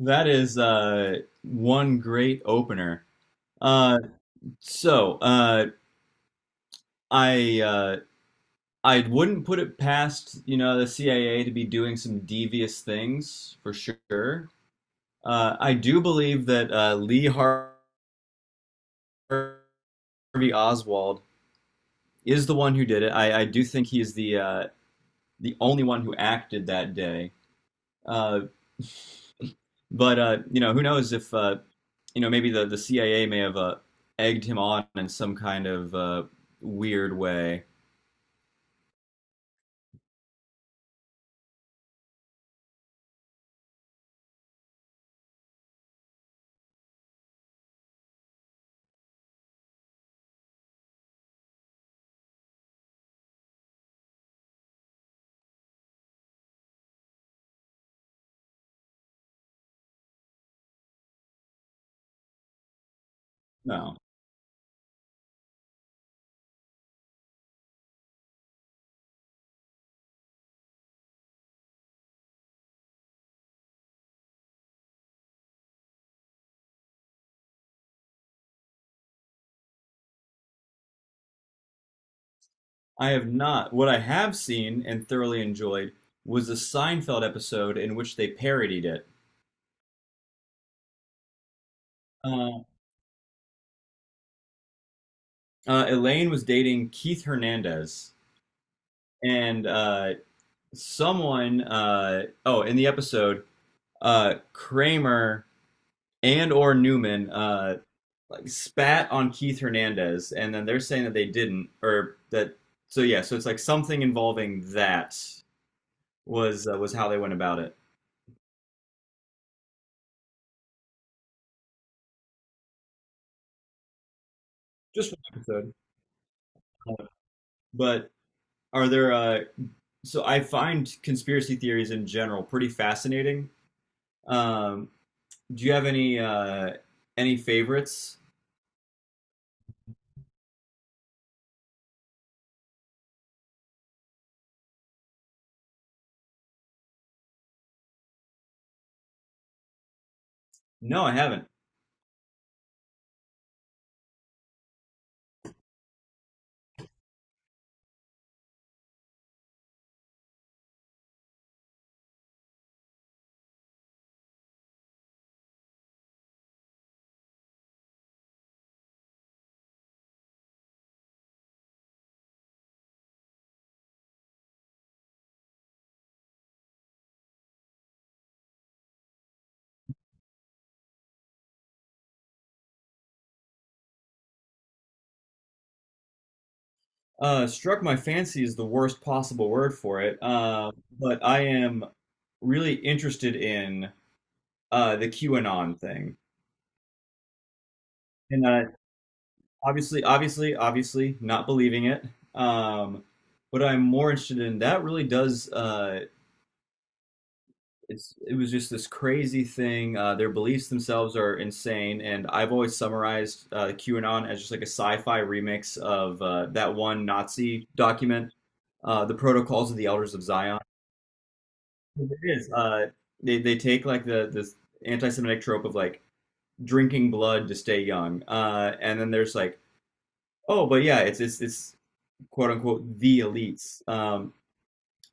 That is one great opener. Uh, so uh, I uh, I wouldn't put it past you know the CIA to be doing some devious things for sure. I do believe that Lee Harvey Oswald is the one who did it. I do think he is the only one who acted that day. Uh, but you know who knows if you know, maybe the CIA may have egged him on in some kind of weird way. No, I have not. What I have seen and thoroughly enjoyed was the Seinfeld episode in which they parodied it. Uh, Elaine was dating Keith Hernandez, and someone, in the episode, Kramer and or Newman like spat on Keith Hernandez, and then they're saying that they didn't, or that. So it's like something involving that was how they went about it. Just one episode. But are there? So I find conspiracy theories in general pretty fascinating. Um, do you have any favorites? No, I haven't. Struck my fancy is the worst possible word for it. But I am really interested in the QAnon thing, and obviously, obviously, obviously, not believing it. Um, what I'm more interested in that really does. It was just this crazy thing. Their beliefs themselves are insane, and I've always summarized QAnon as just like a sci-fi remix of that one Nazi document, the Protocols of the Elders of Zion. It is. They take like the this anti-Semitic trope of like drinking blood to stay young, and then there's like oh, but yeah, it's quote unquote the elites. Um,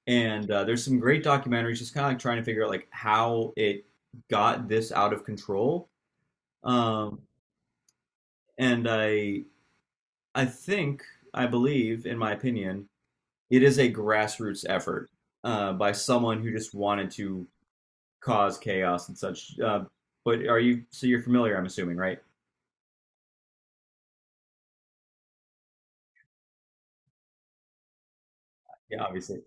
and uh, there's some great documentaries just kind of like trying to figure out like how it got this out of control. Um, and I think I believe, in my opinion, it is a grassroots effort by someone who just wanted to cause chaos and such. But are you so you're familiar? I'm assuming, right? Yeah, obviously.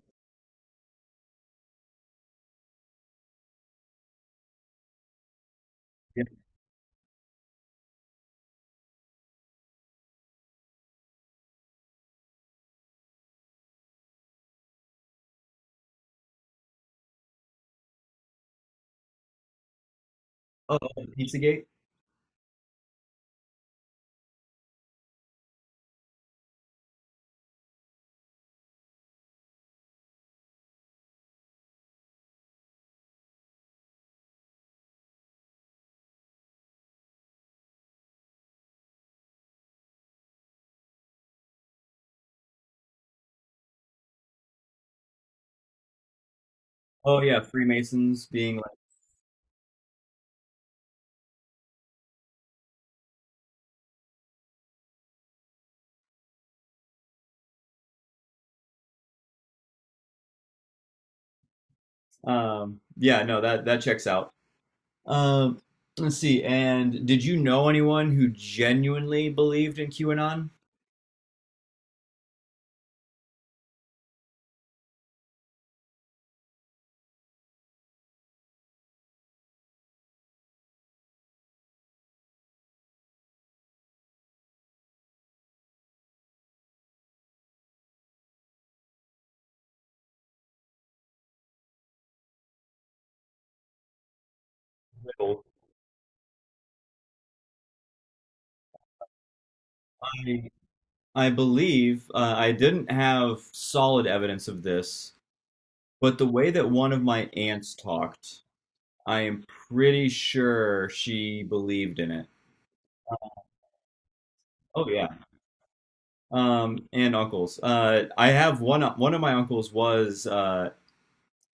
Yeah. Oh, Pizzagate. Oh yeah, Freemasons being like, yeah, no, that that checks out. Um, let's see. And did you know anyone who genuinely believed in QAnon? No. I I believe I didn't have solid evidence of this, but the way that one of my aunts talked, I am pretty sure she believed in it. Oh yeah. And uncles. I have one. One of my uncles was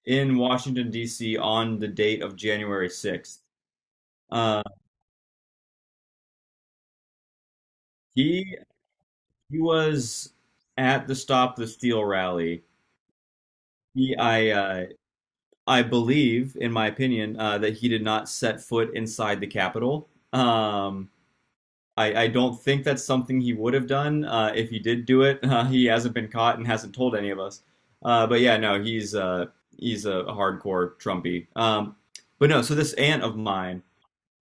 in Washington D.C. on the date of January 6th. Uh, he He was at the Stop the Steal rally. He, I believe, in my opinion, that he did not set foot inside the Capitol. I don't think that's something he would have done. If he did do it, he hasn't been caught and hasn't told any of us. No, he's a hardcore Trumpy. But no, so this aunt of mine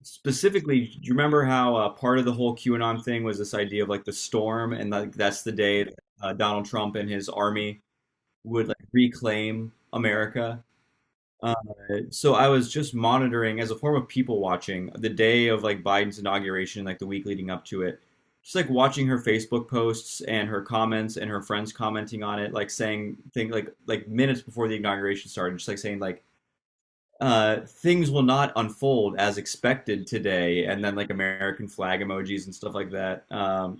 specifically, do you remember how part of the whole QAnon thing was this idea of like the storm, and like that's the day that, Donald Trump and his army would like reclaim America? Uh, so I was just monitoring as a form of people watching the day of like Biden's inauguration, like the week leading up to it, just like watching her Facebook posts and her comments and her friends commenting on it, like saying things like minutes before the inauguration started, just like saying like things will not unfold as expected today, and then like American flag emojis and stuff like that.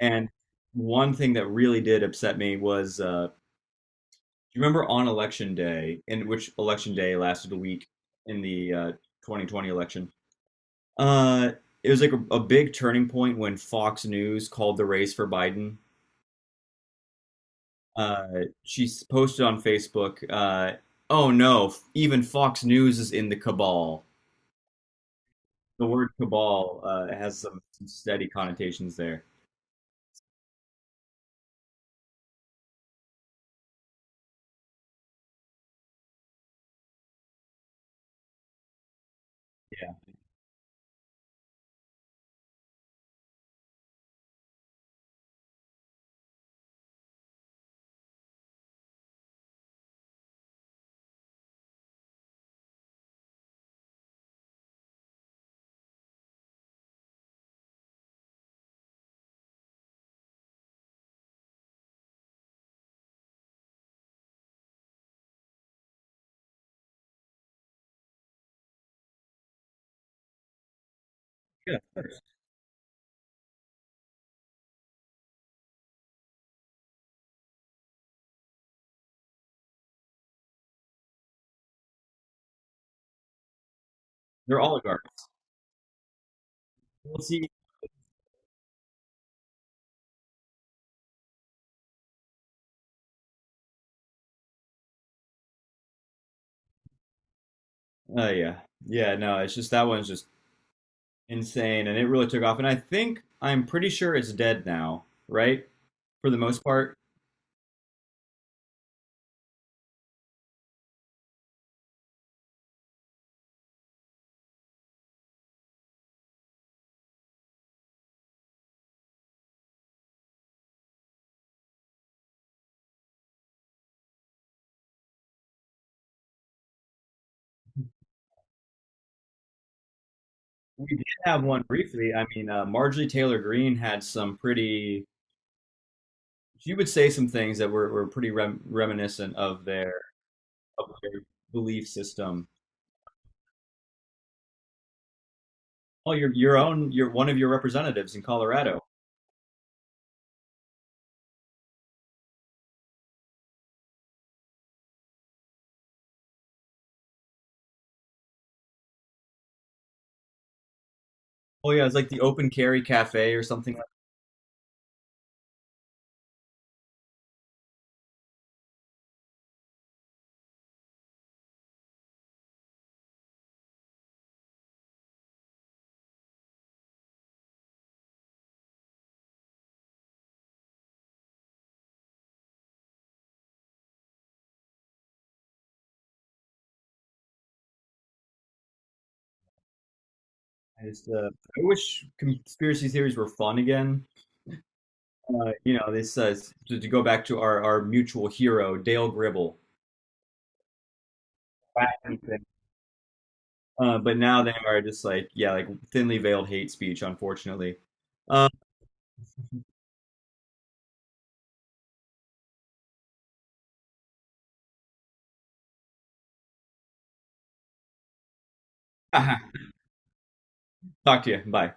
And one thing that really did upset me was, do you remember on election day, in which election day lasted a week in the 2020 election? Uh, it was like a big turning point when Fox News called the race for Biden. Uh, she s- posted on Facebook, "Oh no, f- even Fox News is in the cabal." The word cabal has some steady connotations there. Yeah, yeah, they're oligarchs. We'll see. Oh yeah, yeah. No, it's just that one's just insane, and it really took off. And I think I'm pretty sure it's dead now, right? For the most part, we did have one briefly. I mean, Marjorie Taylor Greene had some pretty, she would say some things that were pretty rem- reminiscent of their belief system. Oh, your own, your one of your representatives in Colorado. Oh yeah, it's like the open carry cafe or something. I just I wish conspiracy theories were fun again. You know, this to go back to our mutual hero Dale Gribble. But now they are just like yeah, like thinly veiled hate speech, unfortunately. Uh, Talk to you. Bye.